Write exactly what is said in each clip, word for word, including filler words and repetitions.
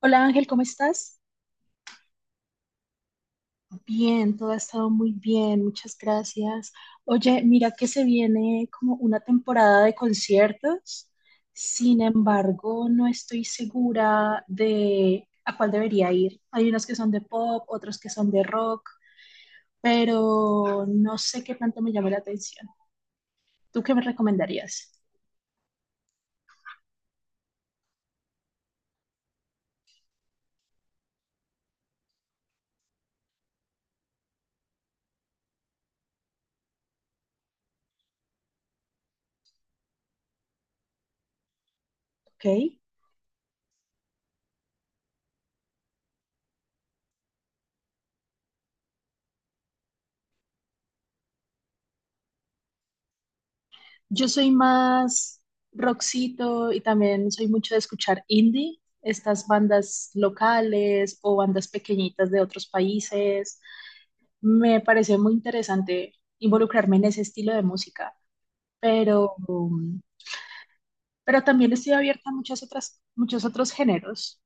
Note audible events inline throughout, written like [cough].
Hola Ángel, ¿cómo estás? Bien, todo ha estado muy bien, muchas gracias. Oye, mira que se viene como una temporada de conciertos, sin embargo, no estoy segura de a cuál debería ir. Hay unos que son de pop, otros que son de rock, pero no sé qué tanto me llama la atención. ¿Tú qué me recomendarías? ¿Ok? Yo soy más rockcito y también soy mucho de escuchar indie, estas bandas locales o bandas pequeñitas de otros países. Me parece muy interesante involucrarme en ese estilo de música, pero, um, pero también estoy abierta a muchas otras, muchos otros géneros.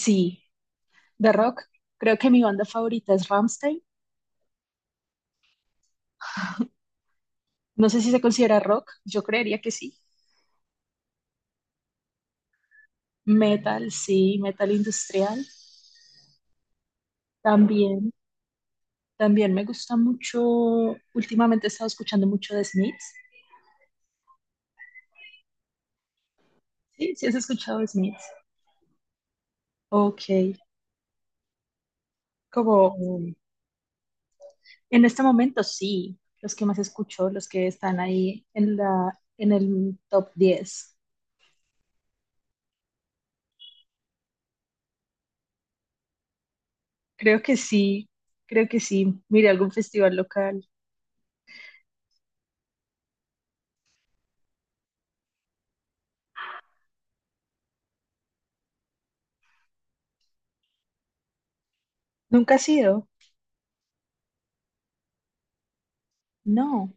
Sí, de rock. Creo que mi banda favorita es Rammstein. No sé si se considera rock, yo creería que sí. Metal, sí, metal industrial también. También me gusta mucho, últimamente he estado escuchando mucho de Smiths. Sí, sí has escuchado de Smiths. Ok, como mm, en este momento sí, los que más escucho, los que están ahí en la, en el top diez. Creo que sí, creo que sí. Mira, algún festival local. ¿Nunca has ido? No.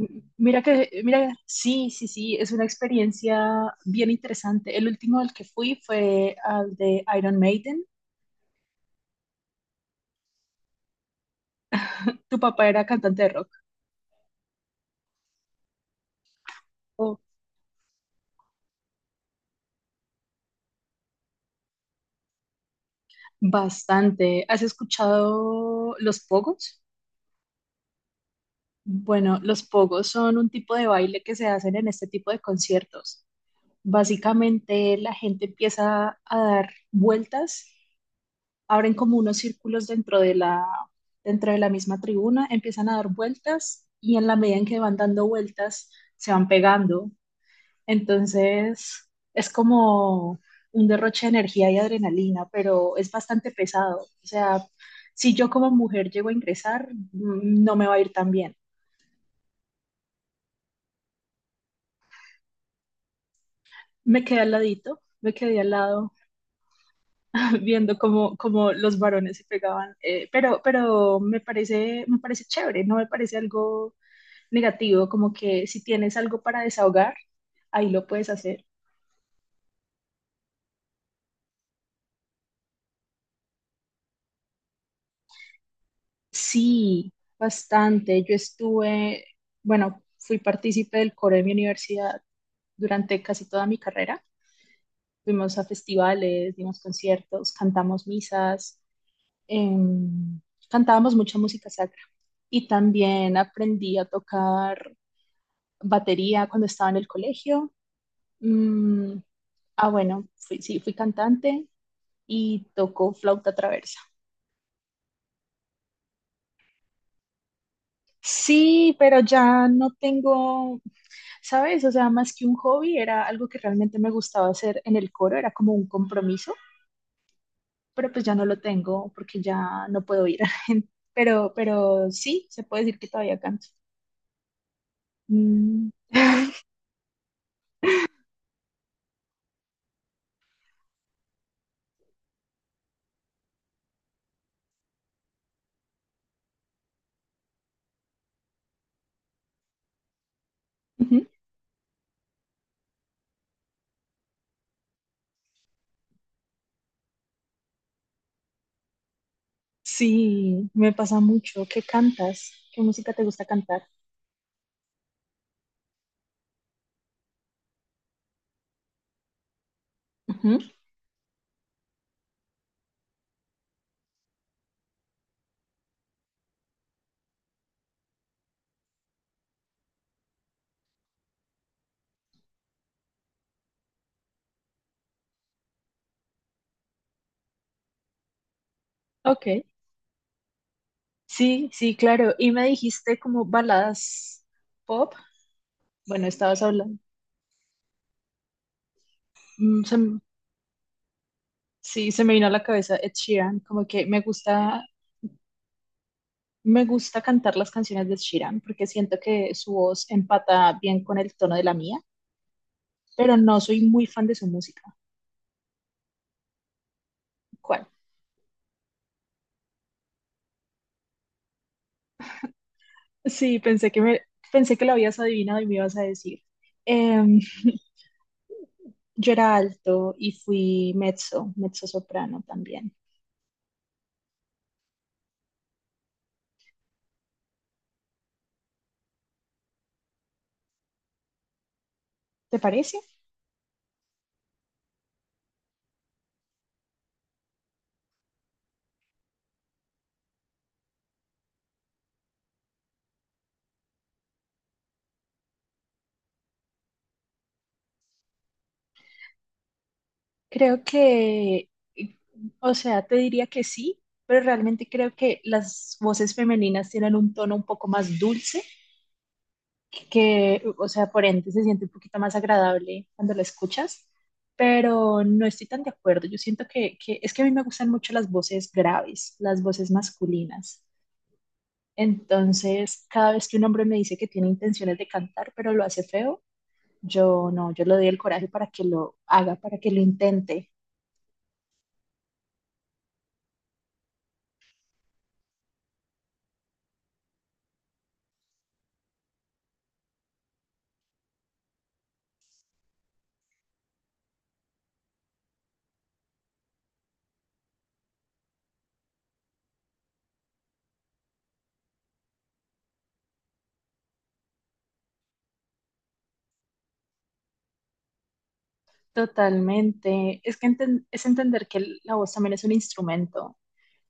M- Mira que, mira, sí, sí, sí, es una experiencia bien interesante. El último al que fui fue al de Iron Maiden. Tu papá era cantante de rock. Oh, bastante. ¿Has escuchado los pogos? Bueno, los pogos son un tipo de baile que se hacen en este tipo de conciertos. Básicamente la gente empieza a dar vueltas, abren como unos círculos dentro de la, dentro de la misma tribuna, empiezan a dar vueltas y en la medida en que van dando vueltas se van pegando. Entonces, es como un derroche de energía y adrenalina, pero es bastante pesado. O sea, si yo como mujer llego a ingresar, mm, no me va a ir tan bien. Me quedé al ladito, me quedé al lado [laughs] viendo cómo, cómo los varones se pegaban, eh, pero, pero me parece, me parece chévere, no me parece algo negativo, como que si tienes algo para desahogar, ahí lo puedes hacer. Sí, bastante. Yo estuve, bueno, fui partícipe del coro de mi universidad durante casi toda mi carrera. Fuimos a festivales, dimos conciertos, cantamos misas, em, cantábamos mucha música sacra. Y también aprendí a tocar batería cuando estaba en el colegio. Mm, ah, bueno, fui- sí, fui cantante y toco flauta traversa. Sí, pero ya no tengo, ¿sabes? O sea, más que un hobby, era algo que realmente me gustaba hacer en el coro, era como un compromiso, pero pues ya no lo tengo porque ya no puedo ir. [laughs] Pero, pero sí, se puede decir que todavía canto. Mm, ujú. Sí, me pasa mucho. ¿Qué cantas? ¿Qué música te gusta cantar? Ujú, ok, sí, sí, claro. Y me dijiste como baladas pop. Bueno, estabas hablando. mm, se m- sí, se me vino a la cabeza Ed Sheeran, como que me gusta. Me gusta cantar las canciones de Sheeran porque siento que su voz empata bien con el tono de la mía, pero no soy muy fan de su música. ¿Cuál? Sí, pensé que me, pensé que lo habías adivinado y me ibas a decir. Em, [laughs] yo era alto y fui mezzo, mezzo soprano también. ¿Te parece? Creo que, o sea, te diría que sí, pero realmente creo que las voces femeninas tienen un tono un poco más dulce, que, o sea, por ende se siente un poquito más agradable cuando la escuchas, pero no estoy tan de acuerdo. Yo siento que, que es que a mí me gustan mucho las voces graves, las voces masculinas. Entonces, cada vez que un hombre me dice que tiene intenciones de cantar, pero lo hace feo, yo no, yo le doy el coraje para que lo haga, para que lo intente. Totalmente. Es que enten- es entender que el- la voz también es un instrumento.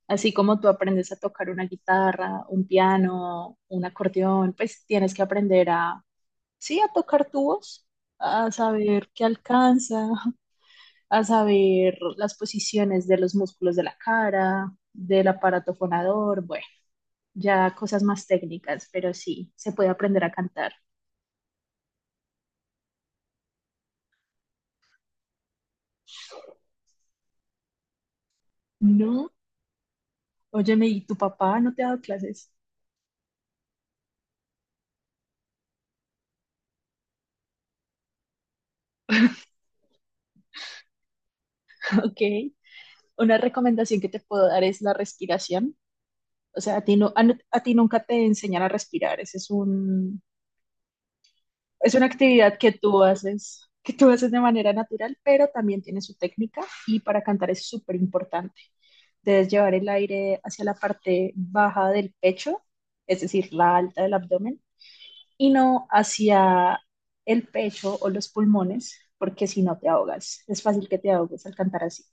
Así como tú aprendes a tocar una guitarra, un piano, un acordeón, pues tienes que aprender a, sí, a tocar tu voz, a saber qué alcanza, [laughs] a saber las posiciones de los músculos de la cara, del aparato fonador, bueno, ya cosas más técnicas, pero sí, se puede aprender a cantar. No, óyeme, ¿y tu papá no te ha dado clases? [laughs] Ok. Una recomendación que te puedo dar es la respiración. O sea, a ti, no, a, nu- a ti nunca te enseñan a respirar. Ese es un, es una actividad que tú haces, que tú haces de manera natural, pero también tiene su técnica y para cantar es súper importante. Debes llevar el aire hacia la parte baja del pecho, es decir, la alta del abdomen, y no hacia el pecho o los pulmones, porque si no te ahogas, es fácil que te ahogues al cantar así.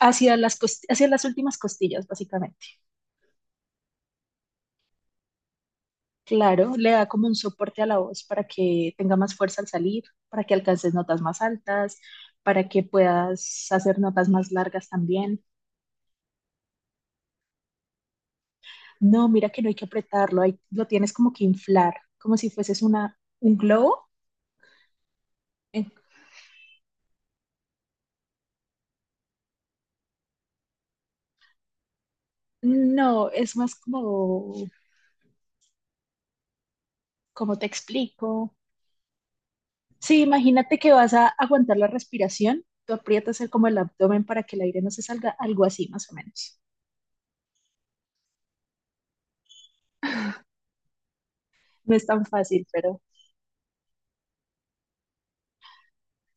Hacia las, cost- hacia las últimas costillas, básicamente. Claro, le da como un soporte a la voz para que tenga más fuerza al salir, para que alcances notas más altas, para que puedas hacer notas más largas también. No, mira que no hay que apretarlo, hay- lo tienes como que inflar, como si fueses una, un globo. En- No, es más como, como te explico. Sí, imagínate que vas a aguantar la respiración, tú aprietas el- como el abdomen para que el aire no se salga, algo así más o menos. No es tan fácil, pero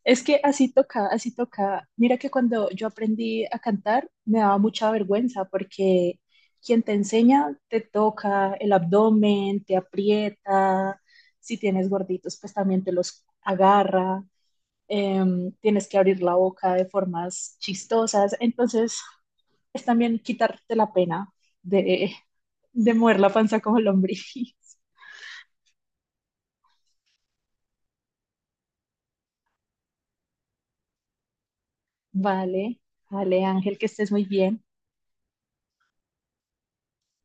es que así toca, así toca. Mira que cuando yo aprendí a cantar me daba mucha vergüenza porque quien te enseña te toca el abdomen, te aprieta, si tienes gorditos pues también te los agarra, em, tienes que abrir la boca de formas chistosas, entonces es también quitarte la pena de, de mover la panza como lombriz. [laughs] Vale, vale Ángel, que estés muy bien.